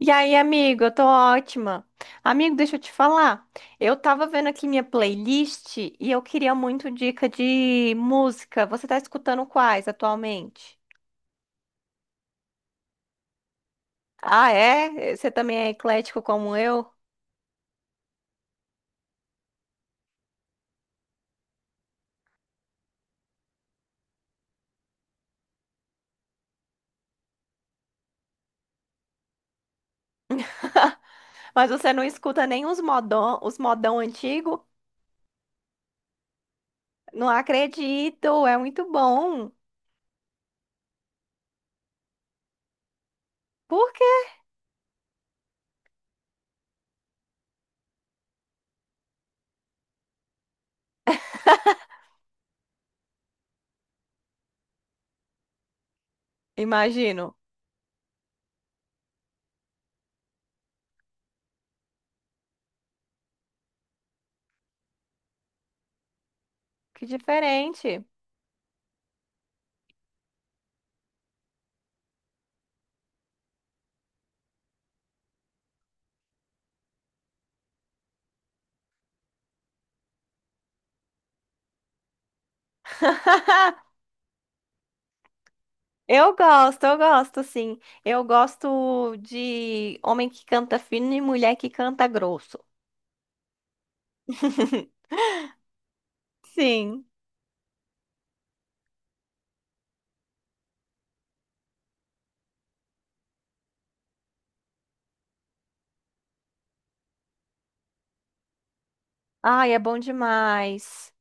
E aí, amigo, eu tô ótima. Amigo, deixa eu te falar. Eu tava vendo aqui minha playlist e eu queria muito dica de música. Você tá escutando quais atualmente? Ah, é? Você também é eclético como eu? Mas você não escuta nem os modão, os modão antigo? Não acredito, é muito bom. Por quê? Imagino. Que diferente. Eu gosto, sim. Eu gosto de homem que canta fino e mulher que canta grosso. Sim. Ai, é bom demais.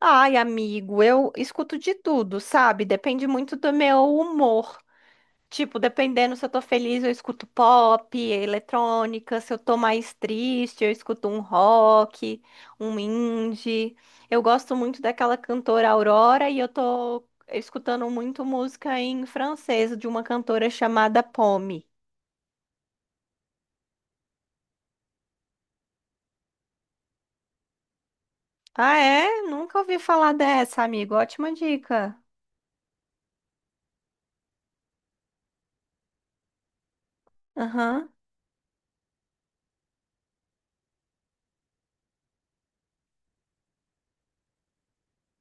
Ai, amigo, eu escuto de tudo, sabe? Depende muito do meu humor. Tipo, dependendo se eu tô feliz, eu escuto pop, eletrônica, se eu tô mais triste, eu escuto um rock, um indie. Eu gosto muito daquela cantora Aurora e eu tô escutando muito música em francês de uma cantora chamada Pomme. Ah, é? Nunca ouvi falar dessa, amigo. Ótima dica. Aham.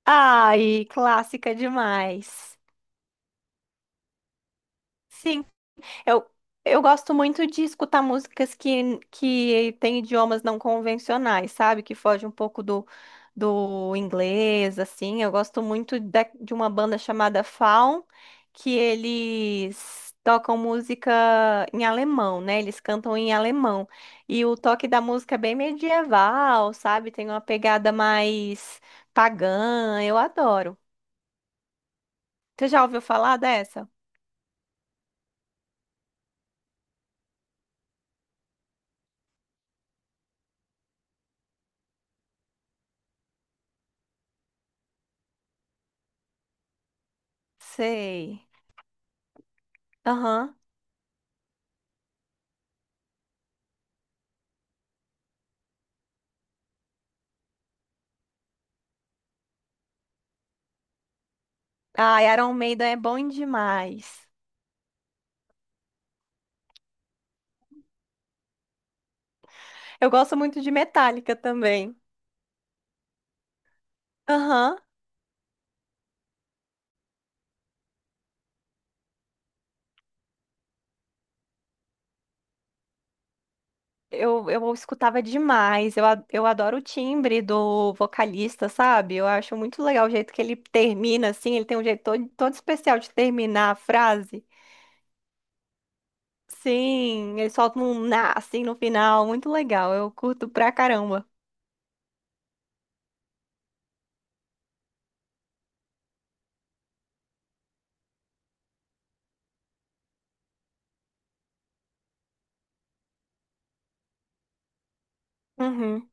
Ai, clássica demais. Sim. Eu, eu gosto muito de escutar músicas que têm idiomas não convencionais, sabe? Que fogem um pouco do, do inglês, assim. Eu gosto muito de uma banda chamada Faun, que eles tocam música em alemão, né? Eles cantam em alemão. E o toque da música é bem medieval, sabe? Tem uma pegada mais pagã. Eu adoro. Você já ouviu falar dessa? Sei. Aham. Ah, Iron Maiden é bom demais. Eu gosto muito de Metallica também. Aham. Eu escutava demais. Eu adoro o timbre do vocalista, sabe? Eu acho muito legal o jeito que ele termina, assim. Ele tem um jeito todo especial de terminar a frase. Sim, ele solta um na, assim, no final. Muito legal. Eu curto pra caramba. Uhum.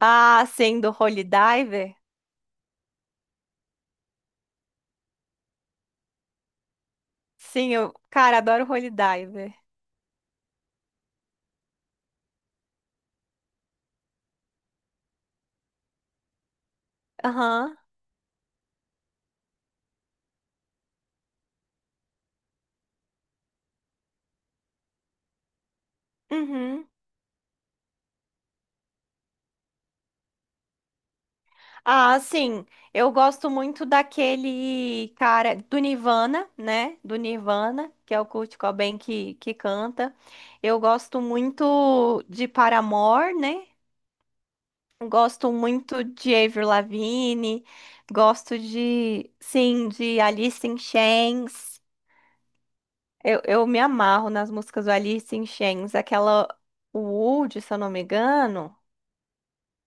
Ah, sim, do Holy Diver. Sim, eu, cara, adoro Holy Diver. Aham. Uhum. Ah, sim. Eu gosto muito daquele cara do Nirvana, né? Do Nirvana, que é o Kurt Cobain que canta. Eu gosto muito de Paramore, né? Gosto muito de Avril Lavigne. Gosto de, sim, de Alice in Chains. Eu me amarro nas músicas do Alice in Chains. Aquela Wood, se eu não me engano,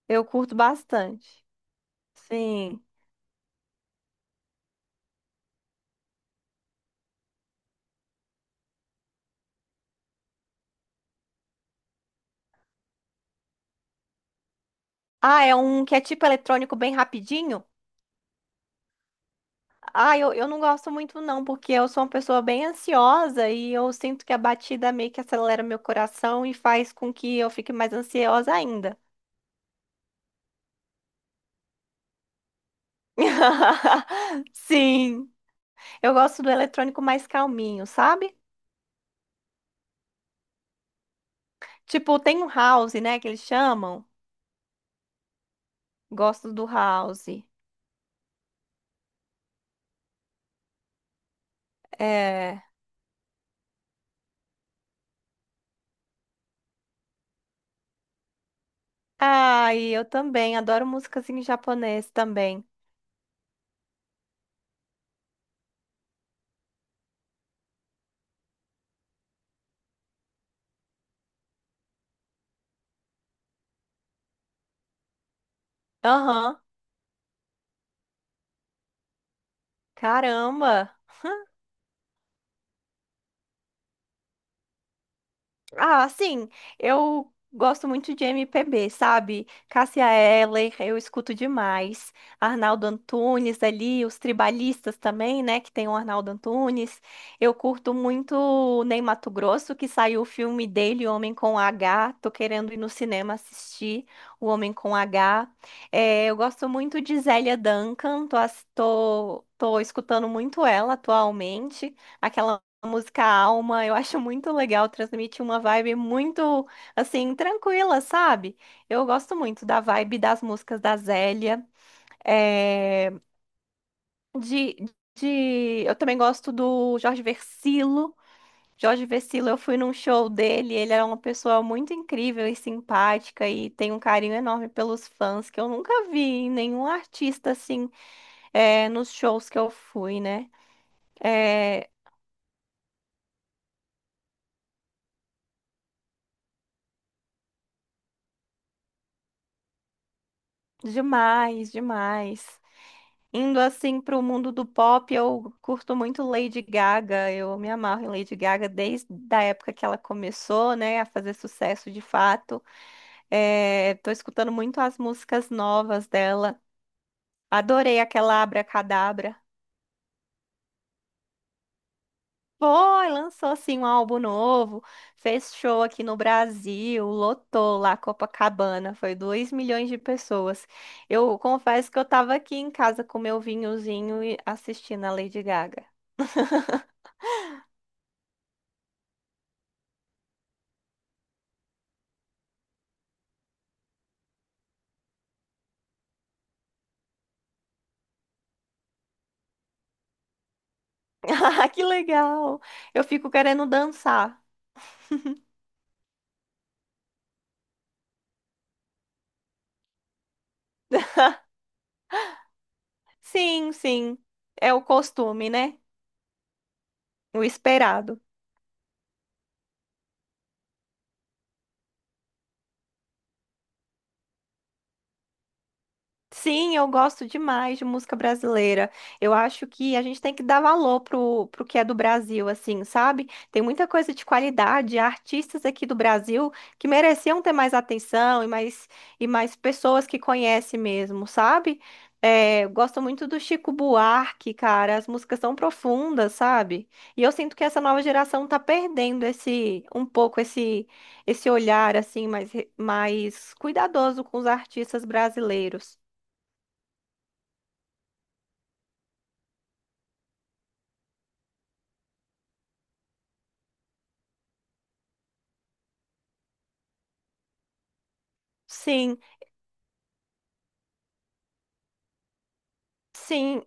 eu curto bastante. Sim. Ah, é um que é tipo eletrônico bem rapidinho? Ah, eu não gosto muito não, porque eu sou uma pessoa bem ansiosa e eu sinto que a batida meio que acelera meu coração e faz com que eu fique mais ansiosa ainda. Sim, eu gosto do eletrônico mais calminho, sabe? Tipo, tem um house, né, que eles chamam. Gosto do house. É. Ah, e eu também adoro músicas em japonês também. Aham. Caramba. Ah, sim, eu gosto muito de MPB, sabe? Cássia Eller, eu escuto demais. Arnaldo Antunes ali, os tribalistas também, né? Que tem o Arnaldo Antunes. Eu curto muito o Ney Matogrosso, que saiu o filme dele, Homem com H. Tô querendo ir no cinema assistir o Homem com H. É, eu gosto muito de Zélia Duncan, tô escutando muito ela atualmente. Aquela a música Alma, eu acho muito legal, transmite uma vibe muito, assim, tranquila, sabe? Eu gosto muito da vibe das músicas da Zélia, eh, de, Eu também gosto do Jorge Vercillo. Jorge Vercillo, eu fui num show dele, ele era uma pessoa muito incrível e simpática e tem um carinho enorme pelos fãs, que eu nunca vi em nenhum artista, assim, nos shows que eu fui, né? É, demais, demais. Indo assim para o mundo do pop, eu curto muito Lady Gaga. Eu me amarro em Lady Gaga desde a época que ela começou, né, a fazer sucesso de fato. É, tô escutando muito as músicas novas dela. Adorei aquela Abra Cadabra. Foi, lançou assim um álbum novo, fez show aqui no Brasil, lotou lá Copacabana, foi 2 milhões de pessoas. Eu confesso que eu estava aqui em casa com meu vinhozinho e assistindo a Lady Gaga. Ah, que legal! Eu fico querendo dançar. Sim, sim. É o costume, né? O esperado. Sim, eu gosto demais de música brasileira. Eu acho que a gente tem que dar valor pro, pro que é do Brasil, assim, sabe? Tem muita coisa de qualidade, artistas aqui do Brasil que mereciam ter mais atenção e mais pessoas que conhecem mesmo, sabe? É, eu gosto muito do Chico Buarque, cara. As músicas são profundas, sabe? E eu sinto que essa nova geração tá perdendo esse um pouco esse esse olhar assim mais cuidadoso com os artistas brasileiros. Sim, sim.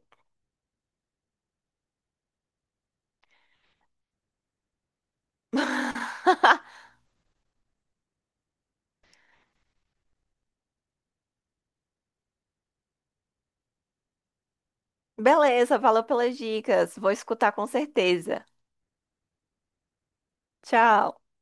Beleza, valeu pelas dicas. Vou escutar com certeza. Tchau.